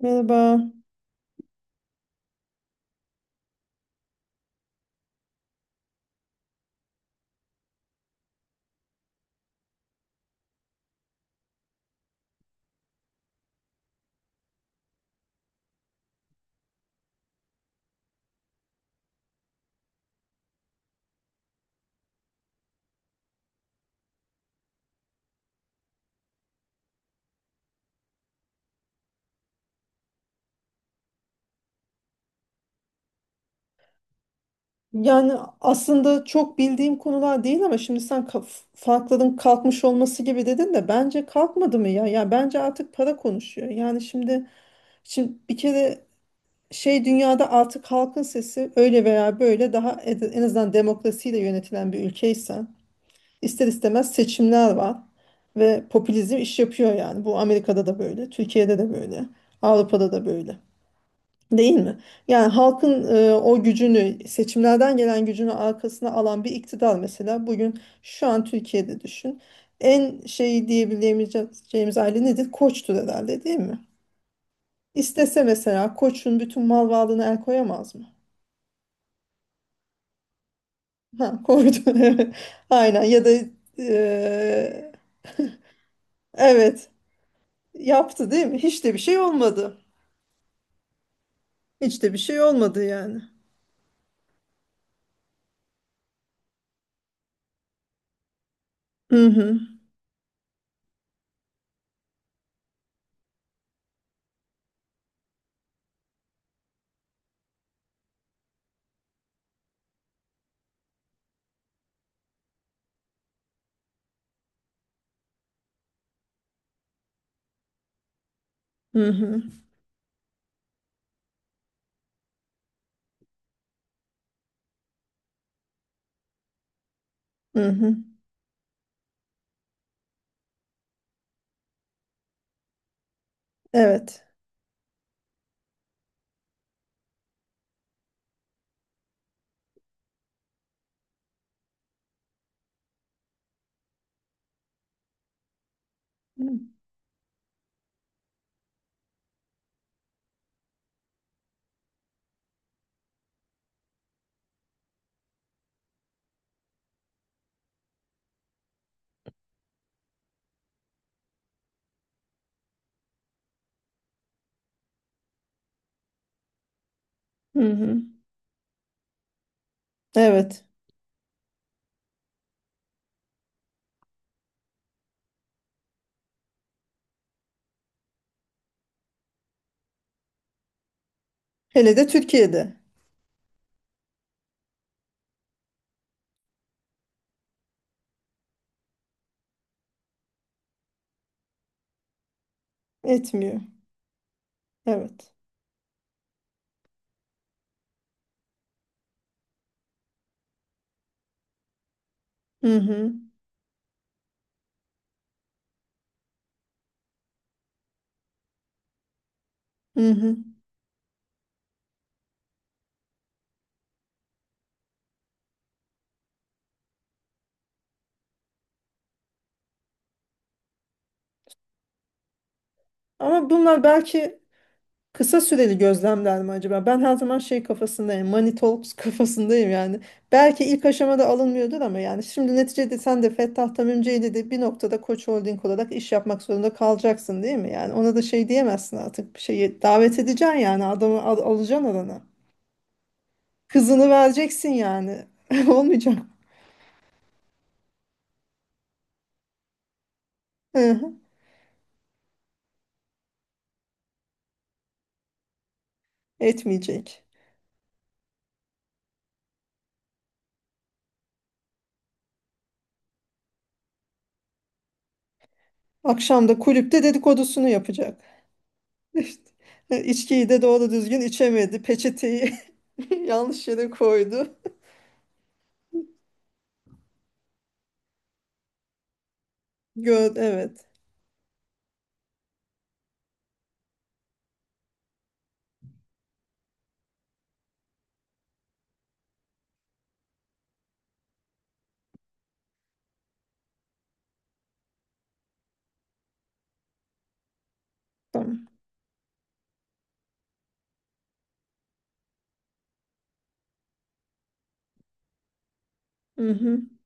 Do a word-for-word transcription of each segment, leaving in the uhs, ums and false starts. Merhaba. Yani aslında çok bildiğim konular değil ama şimdi sen ka- farklılığın kalkmış olması gibi dedin de bence kalkmadı mı ya? Ya bence artık para konuşuyor. Yani şimdi şimdi bir kere şey dünyada artık halkın sesi öyle veya böyle daha ed- en azından demokrasiyle yönetilen bir ülkeysen ister istemez seçimler var ve popülizm iş yapıyor yani. Bu Amerika'da da böyle, Türkiye'de de böyle, Avrupa'da da böyle. Değil mi? Yani halkın e, o gücünü, seçimlerden gelen gücünü arkasına alan bir iktidar mesela bugün şu an Türkiye'de düşün. En şeyi diyebileceğimiz aile nedir? Koçtur herhalde değil mi? İstese mesela Koç'un bütün mal varlığına el koyamaz mı? Ha, koydu. Evet. Aynen ya da e, evet yaptı değil mi? Hiç de bir şey olmadı. Hiç de bir şey olmadı yani. Hı hı, hı hı, hı, hı. Evet. Hı hı. Evet. Hele de Türkiye'de etmiyor. Evet. Hı hı. Hı hı. Ama bunlar belki kısa süreli gözlemler mi acaba? Ben her zaman şey kafasındayım. Money talks kafasındayım yani. Belki ilk aşamada alınmıyordur ama yani şimdi neticede sen de Fettah Tamimci'yle de bir noktada Koç Holding olarak iş yapmak zorunda kalacaksın değil mi? Yani ona da şey diyemezsin artık. Bir şeyi davet edeceksin yani adamı al alacaksın orana. Kızını vereceksin yani. Olmayacak. Hı hı. Etmeyecek. Akşam da kulüpte dedikodusunu yapacak. İşte, e, içkiyi de doğru düzgün içemedi. Peçeteyi yanlış yere koydu. Gör, evet. Tamam. Mhm.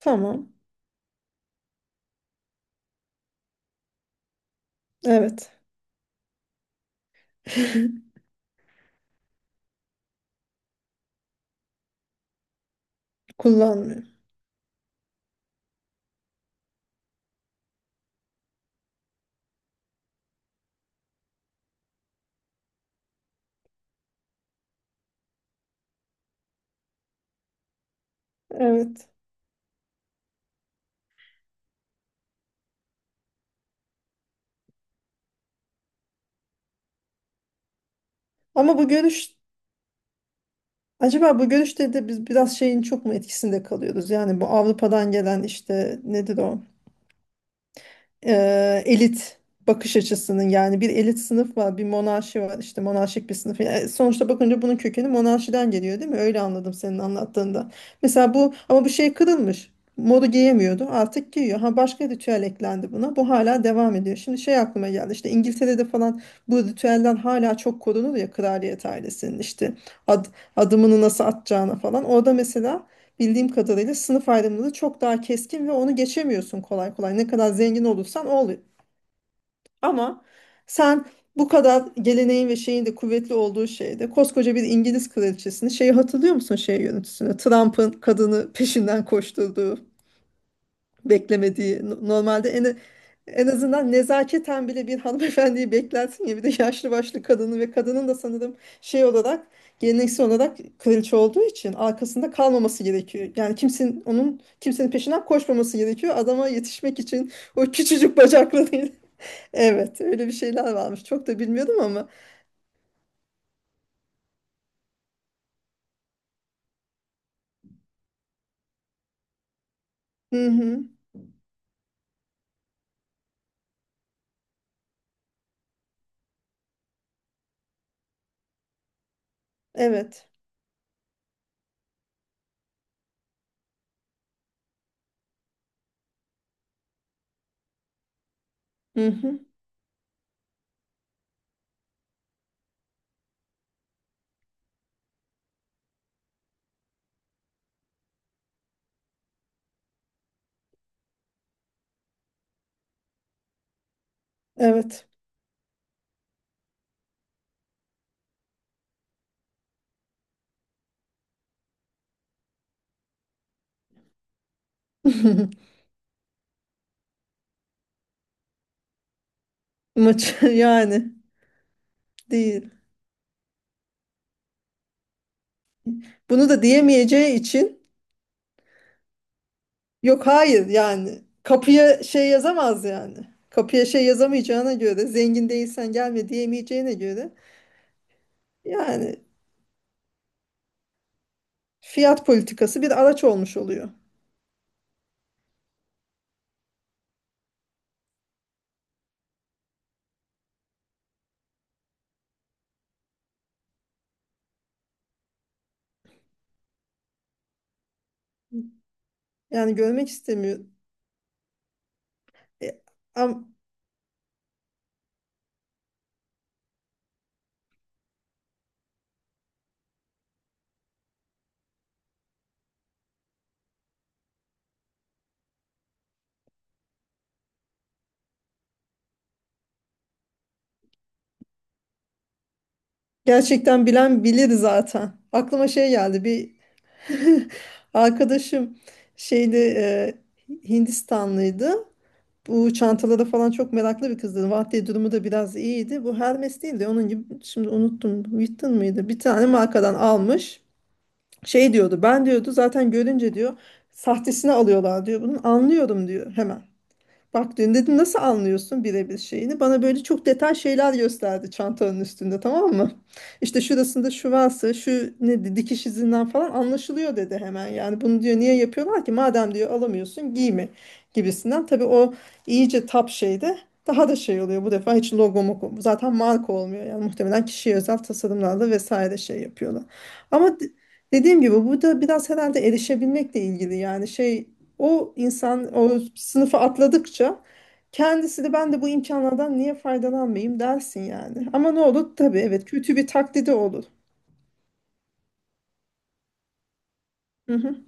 Tamam. Evet. Kullanmıyor. Evet. Ama bu görüş acaba bu görüşte de biz biraz şeyin çok mu etkisinde kalıyoruz? Yani bu Avrupa'dan gelen işte nedir o? e, Elit bakış açısının yani bir elit sınıf var, bir monarşi var işte monarşik bir sınıf. Yani sonuçta bakınca bunun kökeni monarşiden geliyor değil mi? Öyle anladım senin anlattığında. Mesela bu ama bu şey kırılmış. Modu giyemiyordu. Artık giyiyor. Ha başka ritüel eklendi buna. Bu hala devam ediyor. Şimdi şey aklıma geldi. İşte İngiltere'de falan bu ritüelden hala çok korunur ya kraliyet ailesinin işte ad, adımını nasıl atacağına falan. Orada mesela bildiğim kadarıyla sınıf ayrımları çok daha keskin ve onu geçemiyorsun kolay kolay. Ne kadar zengin olursan ol. Ama sen bu kadar geleneğin ve şeyin de kuvvetli olduğu şeyde koskoca bir İngiliz kraliçesini şeyi hatırlıyor musun şey yönetüsünü? Trump'ın kadını peşinden koşturduğu beklemediği no- normalde en en azından nezaketen bile bir hanımefendiyi beklersin ya bir de yaşlı başlı kadını ve kadının da sanırım şey olarak geleneksel olarak kraliçe olduğu için arkasında kalmaması gerekiyor. Yani kimsenin onun kimsenin peşinden koşmaması gerekiyor. Adama yetişmek için o küçücük bacaklarıyla. Evet, öyle bir şeyler varmış. Çok da bilmiyordum ama. Hı hı. Evet. Hı hı. Evet. Maç yani değil. Bunu da diyemeyeceği için yok hayır yani kapıya şey yazamaz yani. Kapıya şey yazamayacağına göre zengin değilsen gelme diyemeyeceğine göre yani fiyat politikası bir araç olmuş oluyor. Yani görmek istemiyor. E, am- Gerçekten bilen bilir zaten. Aklıma şey geldi bir arkadaşım şeyde e, Hindistanlıydı. Bu çantalara falan çok meraklı bir kızdı. Vahdi durumu da biraz iyiydi. Bu Hermes değildi. Onun gibi şimdi unuttum. Witten mıydı? Bir tane markadan almış. Şey diyordu. Ben diyordu zaten görünce diyor sahtesini alıyorlar diyor. Bunu anlıyorum diyor hemen. Bak dedim dedim, nasıl anlıyorsun birebir şeyini? Bana böyle çok detay şeyler gösterdi çantanın üstünde tamam mı? İşte şurasında şu varsa şu ne dikiş izinden falan anlaşılıyor dedi hemen. Yani bunu diyor niye yapıyorlar ki? Madem diyor alamıyorsun giyme gibisinden. Tabii o iyice tap şeyde daha da şey oluyor bu defa hiç logo moko- zaten marka olmuyor yani muhtemelen kişiye özel tasarımlarla vesaire şey yapıyorlar. Ama de- Dediğim gibi bu da biraz herhalde erişebilmekle ilgili yani şey o insan o sınıfı atladıkça kendisi de ben de bu imkanlardan niye faydalanmayayım dersin yani. Ama ne olur tabii evet kötü bir taklidi olur. Hı hı.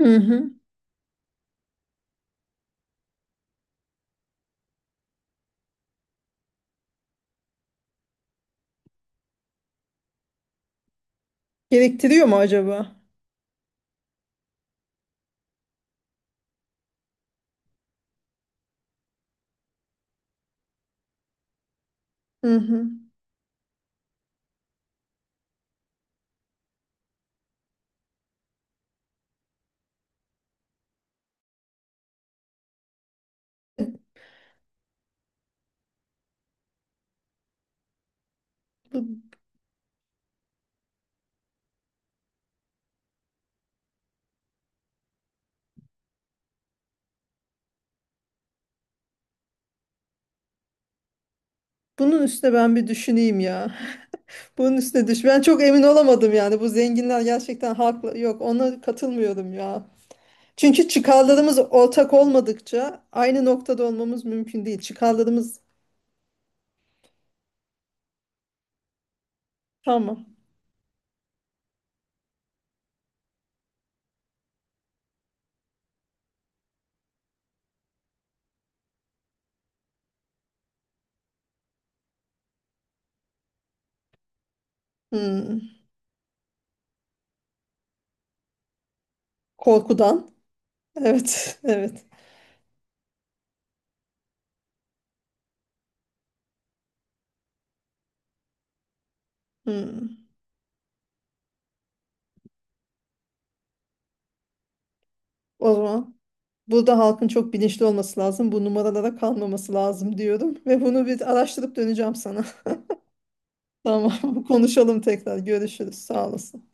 Hı hı. Gerektiriyor mu acaba? Hı hı. Bu- Bunun üstüne ben bir düşüneyim ya. Bunun üstüne düş. Ben çok emin olamadım yani. Bu zenginler gerçekten haklı. Yok ona katılmıyorum ya. Çünkü çıkarlarımız ortak olmadıkça aynı noktada olmamız mümkün değil. Çıkarlarımız tamam. Hmm. Korkudan. Evet, evet. Hmm. O zaman burada halkın çok bilinçli olması lazım. Bu numaralara kalmaması lazım diyorum. Ve bunu bir araştırıp döneceğim sana. Tamam, konuşalım tekrar. Görüşürüz. Sağ olasın.